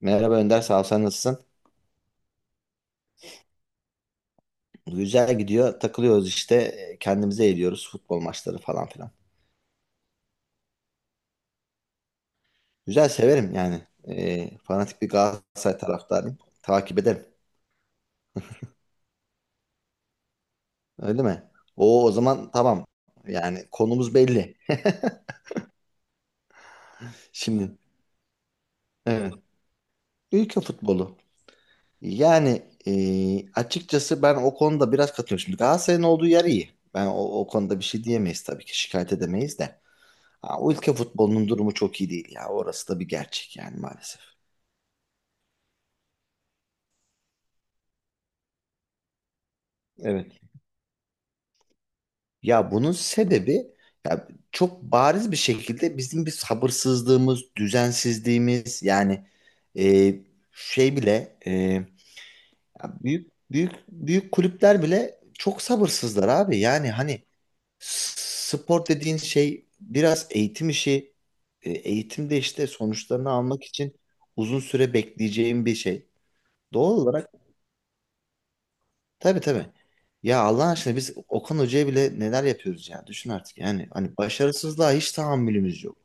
Merhaba Önder, sağ ol, sen nasılsın? Güzel gidiyor, takılıyoruz işte, kendimize eğliyoruz, futbol maçları falan filan. Güzel, severim yani. Fanatik bir Galatasaray taraftarıyım, takip ederim. Öyle mi? O zaman tamam, yani konumuz belli. Şimdi, evet. Ülke futbolu. Yani açıkçası ben o konuda biraz katılıyorum. Şimdi Galatasaray'ın olduğu yer iyi. Ben o konuda bir şey diyemeyiz tabii ki, şikayet edemeyiz de. Ha, o ülke futbolunun durumu çok iyi değil ya, orası da bir gerçek yani maalesef. Evet. Ya bunun sebebi, ya çok bariz bir şekilde bizim bir sabırsızlığımız, düzensizliğimiz yani, e, şey bile, ya, büyük büyük kulüpler bile çok sabırsızlar abi. Yani hani s- spor dediğin şey biraz eğitim işi. Eğitimde işte sonuçlarını almak için uzun süre bekleyeceğim bir şey. Doğal olarak. Tabii tabii. Ya Allah aşkına, biz Okan Hoca'ya bile neler yapıyoruz ya. Düşün artık yani. Hani başarısızlığa hiç tahammülümüz yok.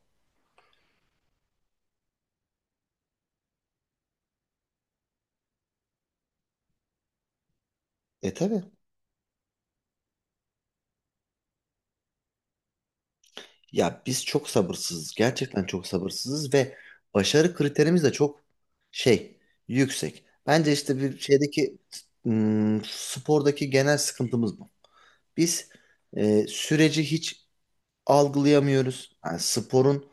Tabii. Ya biz çok sabırsızız. Gerçekten çok sabırsızız ve başarı kriterimiz de çok şey yüksek. Bence işte spordaki genel sıkıntımız bu. Biz süreci hiç algılayamıyoruz. Yani sporun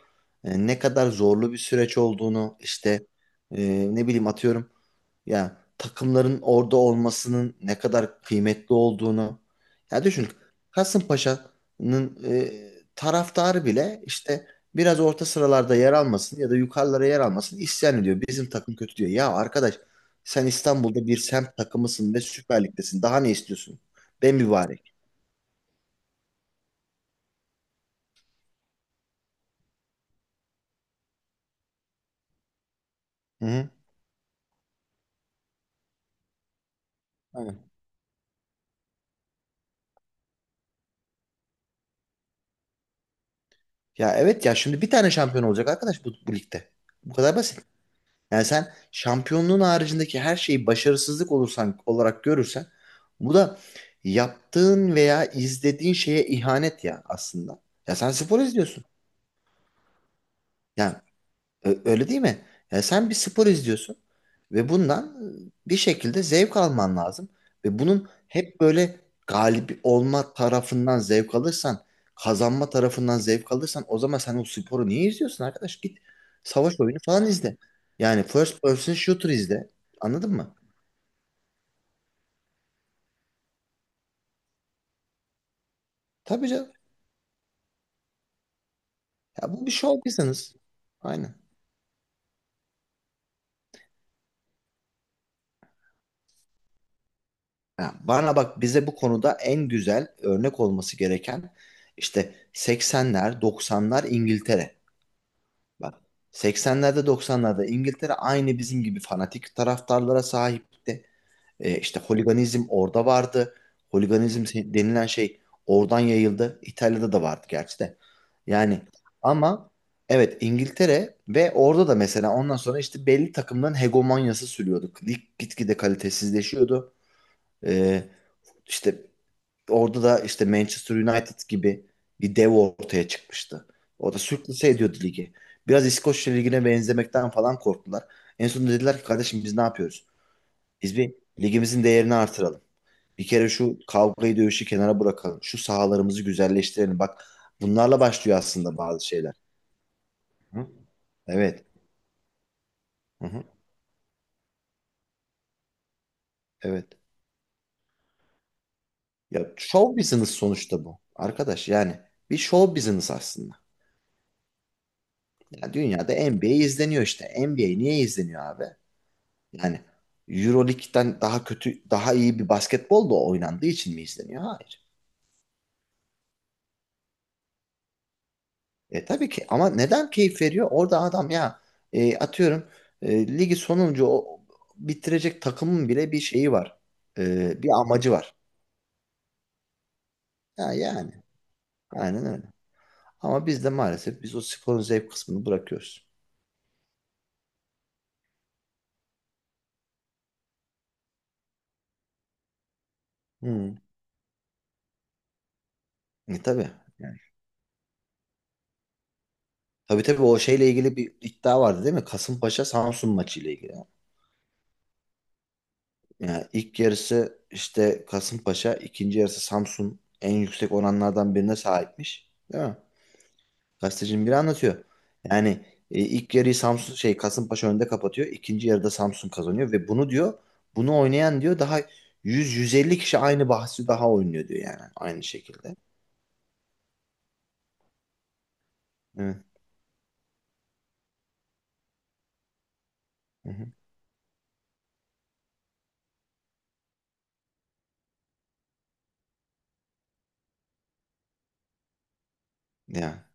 ne kadar zorlu bir süreç olduğunu işte, e, ne bileyim, atıyorum. Ya takımların orada olmasının ne kadar kıymetli olduğunu. Ya düşün, Kasımpaşa'nın taraftarı bile işte biraz orta sıralarda yer almasın ya da yukarılara yer almasın isyan ediyor. Bizim takım kötü diyor. Ya arkadaş, sen İstanbul'da bir semt takımısın ve Süper Lig'desin. Daha ne istiyorsun? Ben mübarek. Hı hı. Aynen. Ya evet, ya şimdi bir tane şampiyon olacak arkadaş bu ligde. Bu kadar basit. Yani sen şampiyonluğun haricindeki her şeyi başarısızlık olursan olarak görürsen, bu da yaptığın veya izlediğin şeye ihanet ya aslında. Ya sen spor izliyorsun. Yani, öyle değil mi? Yani sen bir spor izliyorsun ve bundan bir şekilde zevk alman lazım. Ve bunun hep böyle galip olma tarafından zevk alırsan, kazanma tarafından zevk alırsan, o zaman sen o sporu niye izliyorsun arkadaş? Git savaş oyunu falan izle. Yani first person shooter izle. Anladın mı? Tabii canım. Ya bu bir show business. Aynen. Ya bana bak, bize bu konuda en güzel örnek olması gereken işte 80'ler, 90'lar İngiltere. Bak, 80'lerde 90'larda İngiltere aynı bizim gibi fanatik taraftarlara sahipti. İşte holiganizm orada vardı. Holiganizm denilen şey oradan yayıldı. İtalya'da da vardı gerçi de. Yani, ama evet, İngiltere. Ve orada da mesela ondan sonra işte belli takımların hegemonyası sürüyordu. Lig gitgide kalitesizleşiyordu. E, işte Orada da işte Manchester United gibi bir dev ortaya çıkmıştı. Orada sürklase ediyordu ligi. Biraz İskoçya ligine benzemekten falan korktular. En sonunda dediler ki, kardeşim biz ne yapıyoruz? Biz bir, ligimizin değerini artıralım. Bir kere şu kavgayı dövüşü kenara bırakalım. Şu sahalarımızı güzelleştirelim. Bak, bunlarla başlıyor aslında bazı şeyler. Hı? Evet. Hı hı. Evet. Ya show business sonuçta bu. Arkadaş yani, bir show business aslında. Ya dünyada NBA izleniyor işte. NBA niye izleniyor abi? Yani Euroleague'den daha kötü, daha iyi bir basketbol da oynandığı için mi izleniyor? Hayır. Tabii ki ama neden keyif veriyor? Orada adam ya, atıyorum, ligi sonuncu bitirecek takımın bile bir şeyi var. Bir amacı var. Ha, yani aynen öyle. Ama biz de maalesef biz o sporun zevk kısmını bırakıyoruz. Hmm. Tabii. Yani. Tabii tabii, o şeyle ilgili bir iddia vardı değil mi? Kasımpaşa Samsun maçıyla ilgili. Yani ilk yarısı işte Kasımpaşa, ikinci yarısı Samsun en yüksek oranlardan birine sahipmiş. Değil mi? Gazetecinin biri anlatıyor. Yani ilk yarıyı Samsun şey Kasımpaşa önde kapatıyor. İkinci yarıda Samsun kazanıyor ve bunu diyor, bunu oynayan diyor daha 100-150 kişi aynı bahsi daha oynuyor diyor, yani aynı şekilde. Evet. Hı hı. Ya.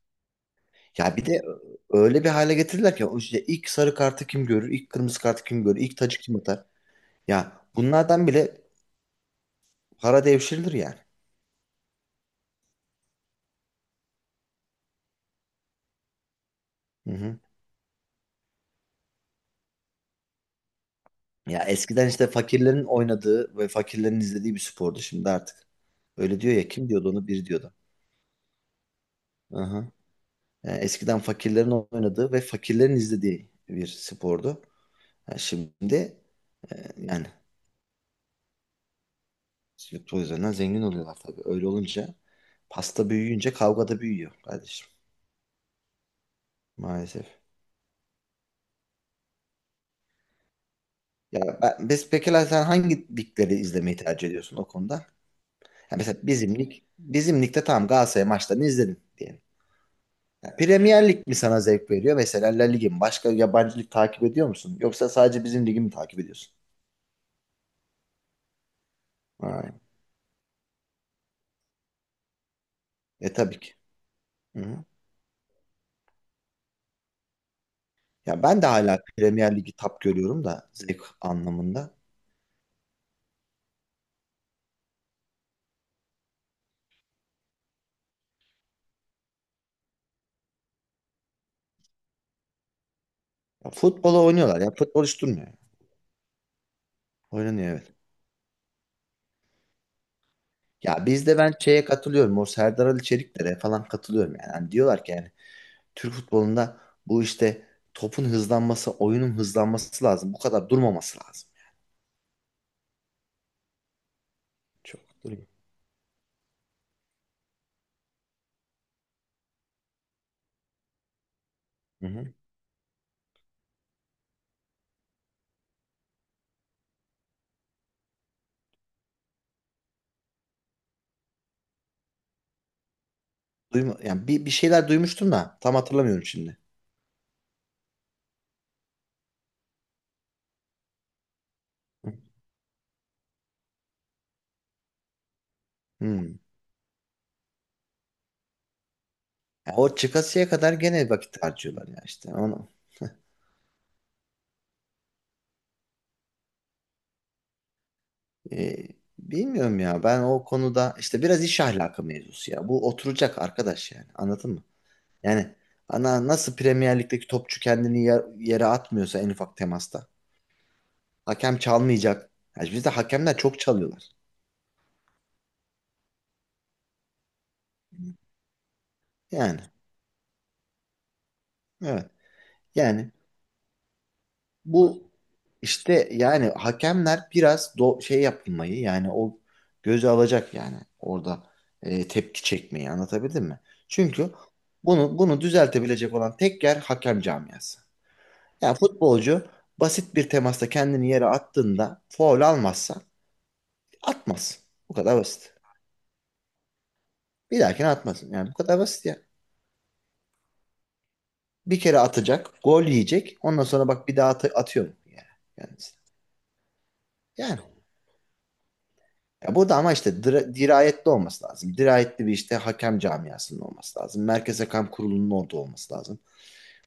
Ya bir de öyle bir hale getirdiler ki, o işte ilk sarı kartı kim görür, ilk kırmızı kartı kim görür, ilk tacı kim atar. Ya bunlardan bile para devşirilir yani. Hı hı. Ya eskiden işte fakirlerin oynadığı ve fakirlerin izlediği bir spordu, şimdi artık. Öyle diyor ya, kim diyordu onu, bir diyordu. Aha. Yani eskiden fakirlerin oynadığı ve fakirlerin izlediği bir spordu. Yani şimdi e, yani futbol üzerinden zengin oluyorlar tabii. Öyle olunca, pasta büyüyünce kavga da büyüyor kardeşim, maalesef. Ya biz, peki sen hangi ligleri izlemeyi tercih ediyorsun o konuda? Ya mesela bizim ligde tamam, Galatasaray maçlarını izledin diyelim. Ya, Premier Lig mi sana zevk veriyor? Mesela La Lig'i mi? Başka yabancı lig takip ediyor musun? Yoksa sadece bizim ligi mi takip ediyorsun? Ha. Tabii ki. Hı hı. Ya ben de hala Premier Lig'i tap görüyorum da zevk anlamında. Ya, futbola oynuyorlar ya. Futbol hiç durmuyor. Oynanıyor, evet. Ya bizde ben şeye katılıyorum. O Serdar Ali Çelikler'e falan katılıyorum yani. Hani diyorlar ki, yani Türk futbolunda bu işte topun hızlanması, oyunun hızlanması lazım. Bu kadar durmaması lazım. Çok duruyor. Hı hı. Yani bir şeyler duymuştum da tam hatırlamıyorum şimdi. Hmm. Ya o çıkasıya kadar gene vakit harcıyorlar ya işte. E, bilmiyorum ya, ben o konuda işte biraz iş ahlakı mevzusu ya. Bu oturacak arkadaş, yani anladın mı? Yani, ana nasıl Premier Lig'deki topçu kendini yere atmıyorsa en ufak temasta. Hakem çalmayacak. Yani bizde hakemler çok çalıyorlar. Yani, evet, yani bu işte, yani hakemler biraz şey yapmayı, yani o göze alacak, yani orada tepki çekmeyi, anlatabildim mi? Çünkü bunu düzeltebilecek olan tek yer hakem camiası. Yani futbolcu basit bir temasta kendini yere attığında faul almazsa, atmaz. Bu kadar basit. Bir dahakine atmasın. Yani bu kadar basit ya. Bir kere atacak, gol yiyecek. Ondan sonra bak, bir daha atıyor mu? Yani, yani. Ya burada ama işte dirayetli olması lazım. Dirayetli bir işte hakem camiasının olması lazım. Merkez Hakem Kurulu'nun orada olması lazım.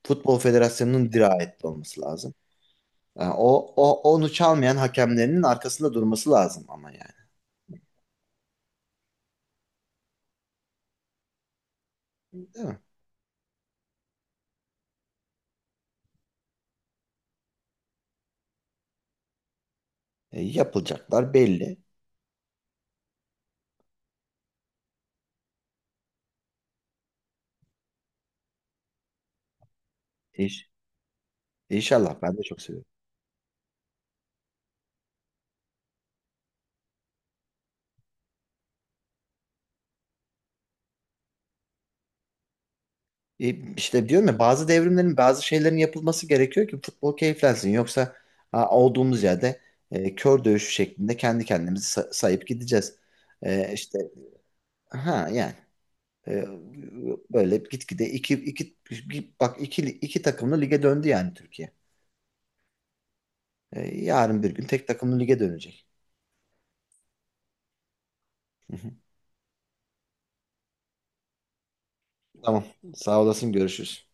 Futbol Federasyonu'nun dirayetli olması lazım. Yani o onu çalmayan hakemlerinin arkasında durması lazım ama yani. Değil mi? Yapılacaklar belli. İş, inşallah ben de çok seviyorum. İşte diyorum ya, bazı devrimlerin, bazı şeylerin yapılması gerekiyor ki futbol keyiflensin. Yoksa ha, olduğumuz yerde kör dövüşü şeklinde kendi kendimizi sayıp gideceğiz. E, işte ha yani. E, Böyle gitgide iki, iki, bir- bak iki, iki takımlı lige döndü yani Türkiye. Yarın bir gün tek takımlı lige dönecek. Hı hı. Tamam. Sağ olasın. Görüşürüz.